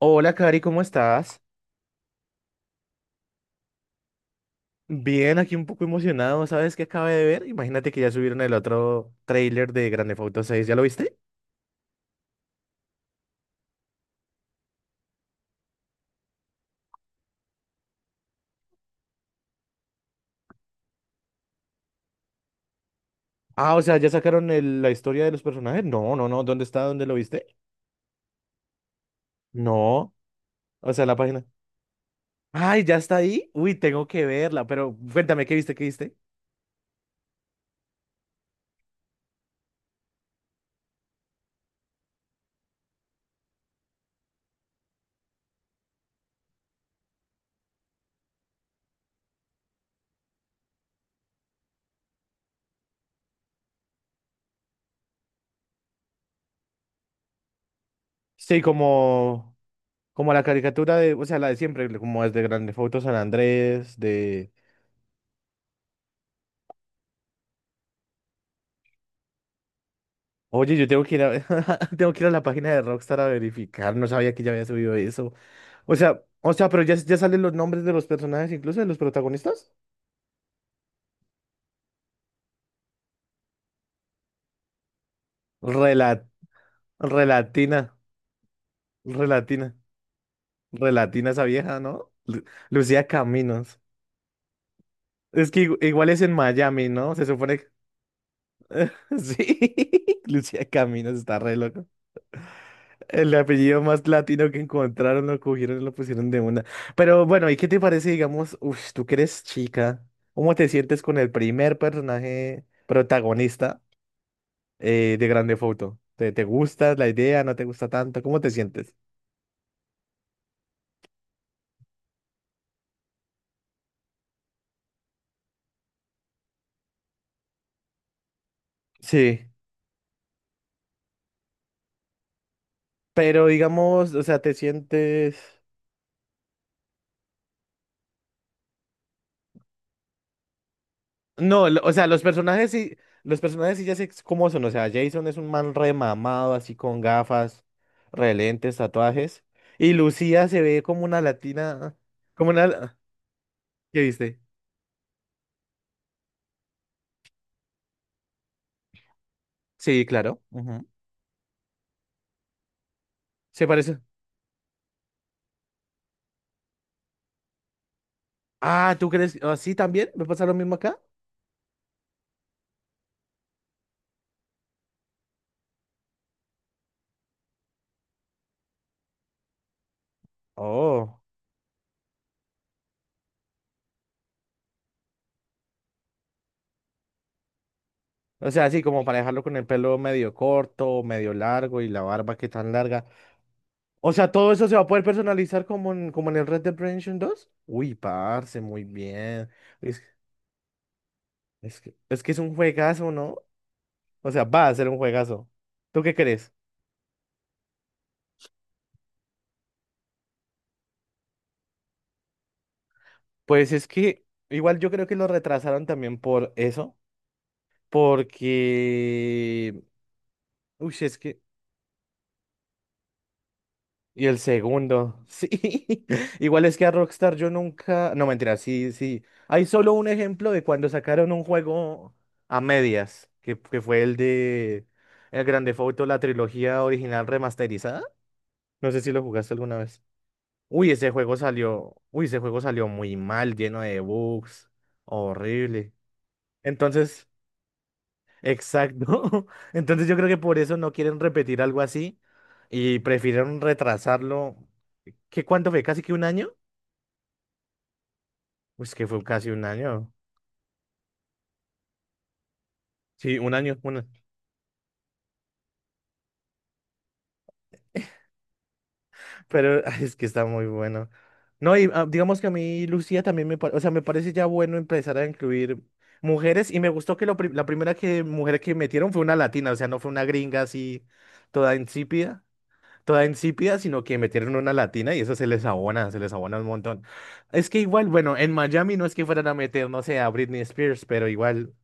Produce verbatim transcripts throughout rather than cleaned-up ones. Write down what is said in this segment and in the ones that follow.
Hola, Cari, ¿cómo estás? Bien, aquí un poco emocionado. ¿Sabes qué acabé de ver? Imagínate que ya subieron el otro tráiler de Grand Theft Auto seis. ¿Ya lo viste? Ah, o sea, ¿ya sacaron el- la historia de los personajes? No, no, no. ¿Dónde está? ¿Dónde lo viste? No. O sea, la página. Ay, ¿ya está ahí? Uy, tengo que verla, pero cuéntame, ¿qué viste? ¿Qué viste? Sí, como, como la caricatura de, o sea, la de siempre, como es de Grand Theft Auto San Andrés, de... Oye, yo tengo que ir a, tengo que ir a la página de Rockstar a verificar. No sabía que ya había subido eso. O sea, o sea, pero ya, ya salen los nombres de los personajes, incluso de los protagonistas. Rela- relatina, relatina, relatina esa vieja, ¿no? Lu- Lucía Caminos. Es que igu- igual es en Miami, ¿no? Se supone que... Sí, Lucía Caminos está re loco. El apellido más latino que encontraron, lo cogieron y lo pusieron de una. Pero bueno, ¿y qué te parece, digamos, uff, tú que eres chica, cómo te sientes con el primer personaje protagonista eh, de Grande Foto? ¿Te, te gusta la idea? ¿No te gusta tanto? ¿Cómo te sientes? Sí, pero digamos, o sea, te sientes... No, lo- o sea, los personajes sí, los personajes sí ya sé cómo son. O sea, Jason es un man remamado, así con gafas, relentes, tatuajes. Y Lucía se ve como una latina, como una... ¿Qué viste? Sí, claro. Ujú. Se parece. Ah, ¿tú crees? ¿Ah, sí, también? ¿Me pasa lo mismo acá? Oh. O sea, sí, como para dejarlo con el pelo medio corto, medio largo y la barba que tan larga. O sea, todo eso se va a poder personalizar como en, como en el Red Dead Redemption dos. Uy, parce, muy bien. Es que, es que es un juegazo, ¿no? O sea, va a ser un juegazo. ¿Tú qué crees? Pues es que igual yo creo que lo retrasaron también por eso, porque... Uy, es que... Y el segundo, sí. Igual es que a Rockstar yo nunca... No, mentira, sí, sí. Hay solo un ejemplo de cuando sacaron un juego a medias, que, que fue el de... El Grande Theft Auto, la trilogía original remasterizada. No sé si lo jugaste alguna vez. Uy, ese juego salió, uy, ese juego salió muy mal, lleno de bugs, horrible. Entonces, exacto. Entonces yo creo que por eso no quieren repetir algo así y prefirieron retrasarlo. ¿Qué cuánto fue? ¿Casi que un año? Pues que fue casi un año. Sí, un año, un año. Pero ay, es que está muy bueno. No, y ah, digamos que a mí Lucía también me parece, o sea, me parece ya bueno empezar a incluir mujeres y me gustó que lo pri- la primera que, mujer que metieron fue una latina, o sea, no fue una gringa así toda insípida, toda insípida, sino que metieron una latina y eso se les abona, se les abona un montón. Es que igual, bueno, en Miami no es que fueran a meter, no sé, a Britney Spears, pero igual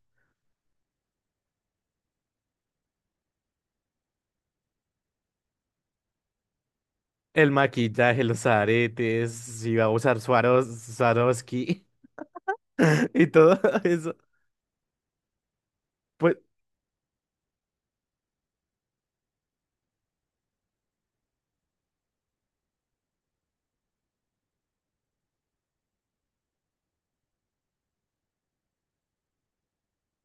el maquillaje, los aretes, si va a usar Swaros- Swarovski y todo eso. Pues,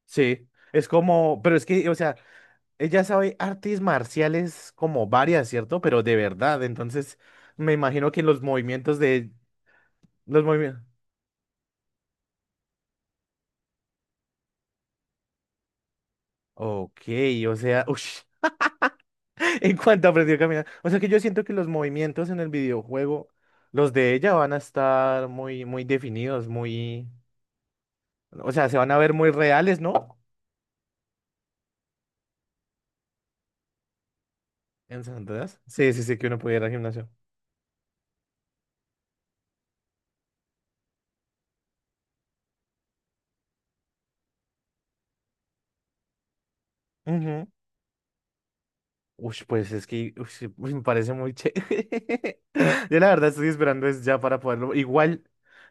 sí, es como, pero es que, o sea, ella sabe artes marciales como varias, ¿cierto? Pero de verdad, entonces me imagino que los movimientos de los movimientos. Ok, o sea, ush, en cuanto aprendió a caminar. O sea que yo siento que los movimientos en el videojuego, los de ella van a estar muy, muy definidos, muy, o sea, se van a ver muy reales, ¿no? En San Andreas. Sí, sí, sí, que uno pudiera ir al gimnasio. Ujú. Uy, pues es que ush, uy, me parece muy chévere. Yo la verdad estoy esperando es ya para poderlo. Igual,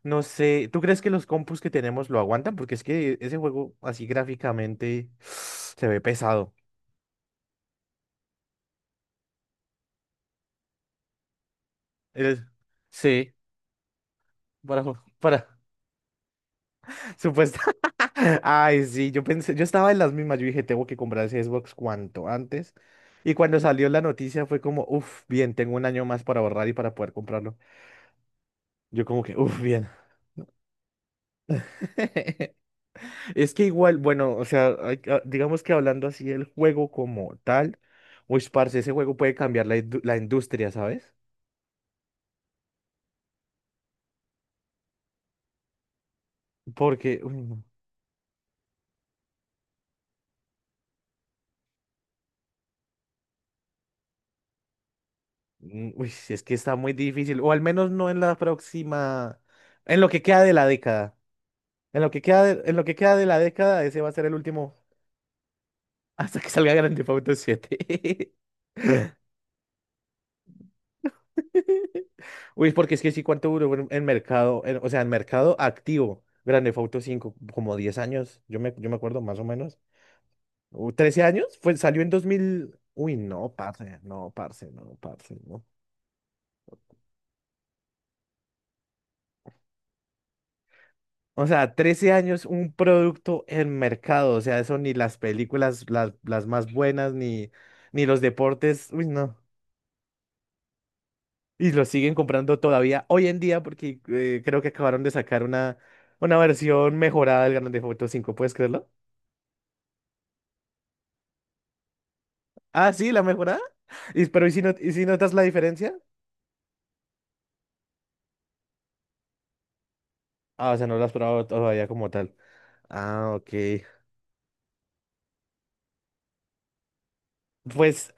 no sé, ¿tú crees que los compus que tenemos lo aguantan? Porque es que ese juego así gráficamente se ve pesado. Es- Sí, para, ju- para, supuesto. Ay, sí, yo pensé, yo estaba en las mismas, yo dije, tengo que comprar ese Xbox cuanto antes. Y cuando salió la noticia fue como, uff, bien, tengo un año más para ahorrar y para poder comprarlo. Yo como que, uff, bien. Es que igual, bueno, o sea, hay ah, digamos que hablando así del juego como tal, uy, parce, ese juego puede cambiar la, indu- la industria, ¿sabes? Porque, uy, no, mm, uy, sí, es que está muy difícil, o al menos no en la próxima, en lo que queda de la década. En lo que queda de, en lo que queda de la década, ese va a ser el último. Hasta que salga Grand Theft Auto siete. Uy, porque es que sí, ¿cuánto duró en, en mercado? En- o sea, en mercado activo, Grand Theft Auto cinco como diez años, yo me, yo me acuerdo más o menos. Uh, ¿trece años? Fue, salió en dos mil. Uy, no, parce, no, parce, no, parce, no. O sea, trece años un producto en mercado. O sea, eso ni las películas, las, las más buenas, ni, ni los deportes. Uy, no. Y lo siguen comprando todavía hoy en día porque eh, creo que acabaron de sacar una, una versión mejorada del Grand Theft Auto cinco. ¿Puedes creerlo? Ah, sí, la mejorada. Y, pero ¿y si, no, y si notas la diferencia? Ah, o sea, no lo has probado todavía como tal. Ah, ok. Pues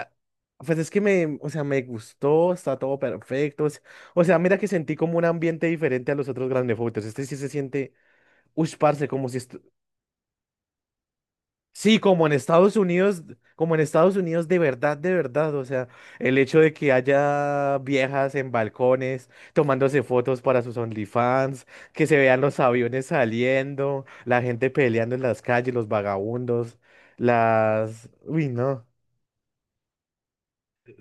Pues es que me, o sea, me gustó, está todo perfecto. O sea, o sea, mira que sentí como un ambiente diferente a los otros Grand Theft Autos. Este sí se siente, uy, parce, como si estu- sí, como en Estados Unidos, como en Estados Unidos de verdad, de verdad. O sea, el hecho de que haya viejas en balcones tomándose fotos para sus OnlyFans, que se vean los aviones saliendo, la gente peleando en las calles, los vagabundos, las, uy, no.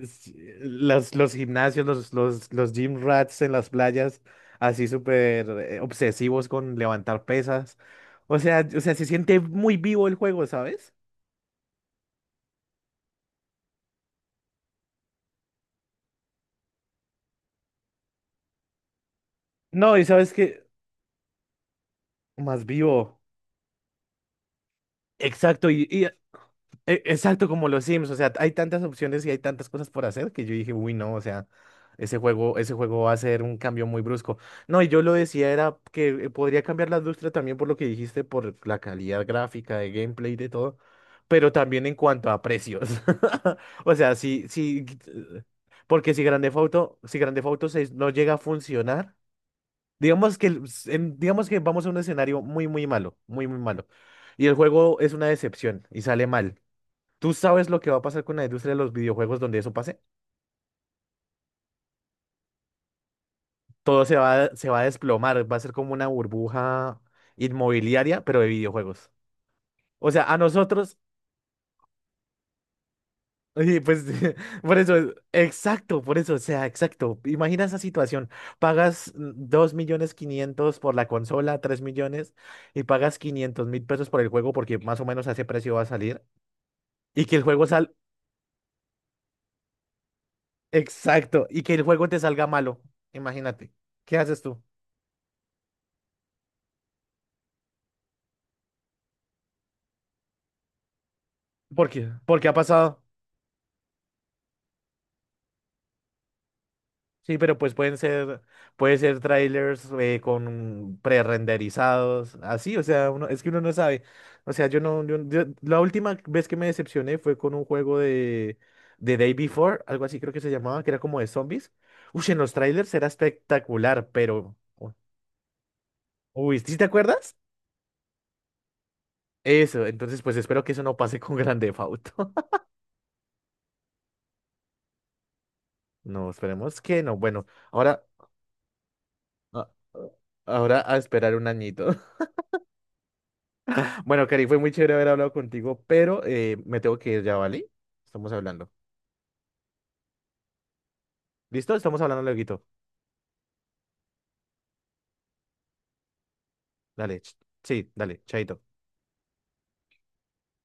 Sí, Los, los gimnasios, los, los, los gym rats en las playas, así súper eh, obsesivos con levantar pesas. O sea, o sea, se siente muy vivo el juego, ¿sabes? No, y sabes que más vivo. Exacto, y, y E- exacto, como los Sims, o sea, hay tantas opciones y hay tantas cosas por hacer que yo dije, uy, no, o sea, ese juego, ese juego va a ser un cambio muy brusco. No, y yo lo decía era que eh, podría cambiar la industria también por lo que dijiste, por la calidad gráfica, de gameplay, y de todo, pero también en cuanto a precios. O sea, sí, sí, eh, porque si Grande Auto, si Grande Auto seis no llega a funcionar, digamos que, el- s- en- digamos que vamos a un escenario muy, muy malo, muy, muy malo, y el juego es una decepción y sale mal. ¿Tú sabes lo que va a pasar con la industria de los videojuegos donde eso pase? Todo se va, a- se va a desplomar, va a ser como una burbuja inmobiliaria, pero de videojuegos. O sea, a nosotros, y pues por eso, exacto, por eso, o sea, exacto. Imagina esa situación, pagas mm, dos millones quinientos por la consola, tres millones, y pagas quinientos mil pesos por el juego porque más o menos a ese precio va a salir, y que el juego sal, exacto, y que el juego te salga malo, imagínate. ¿Qué haces tú? ¿Por qué? ¿Por qué ha pasado? Sí, pero pues pueden ser, puede ser trailers eh, con prerenderizados, así, o sea, uno, es que uno no sabe. O sea, yo no, yo- yo- la última vez que me decepcioné fue con un juego de, de Day Before, algo así creo que se llamaba, que era como de zombies. Uy, en los trailers era espectacular, pero, uy, ¿sí te acuerdas? Eso, entonces pues espero que eso no pase con Grand Theft Auto. No, esperemos que no. Bueno, ahora, a- ahora a esperar un añito. Bueno, Cari, fue muy chévere haber hablado contigo, pero eh, me tengo que ir ya, ¿vale? Estamos hablando. ¿Listo? Estamos hablando lueguito. Dale, ch- sí, dale, chaito.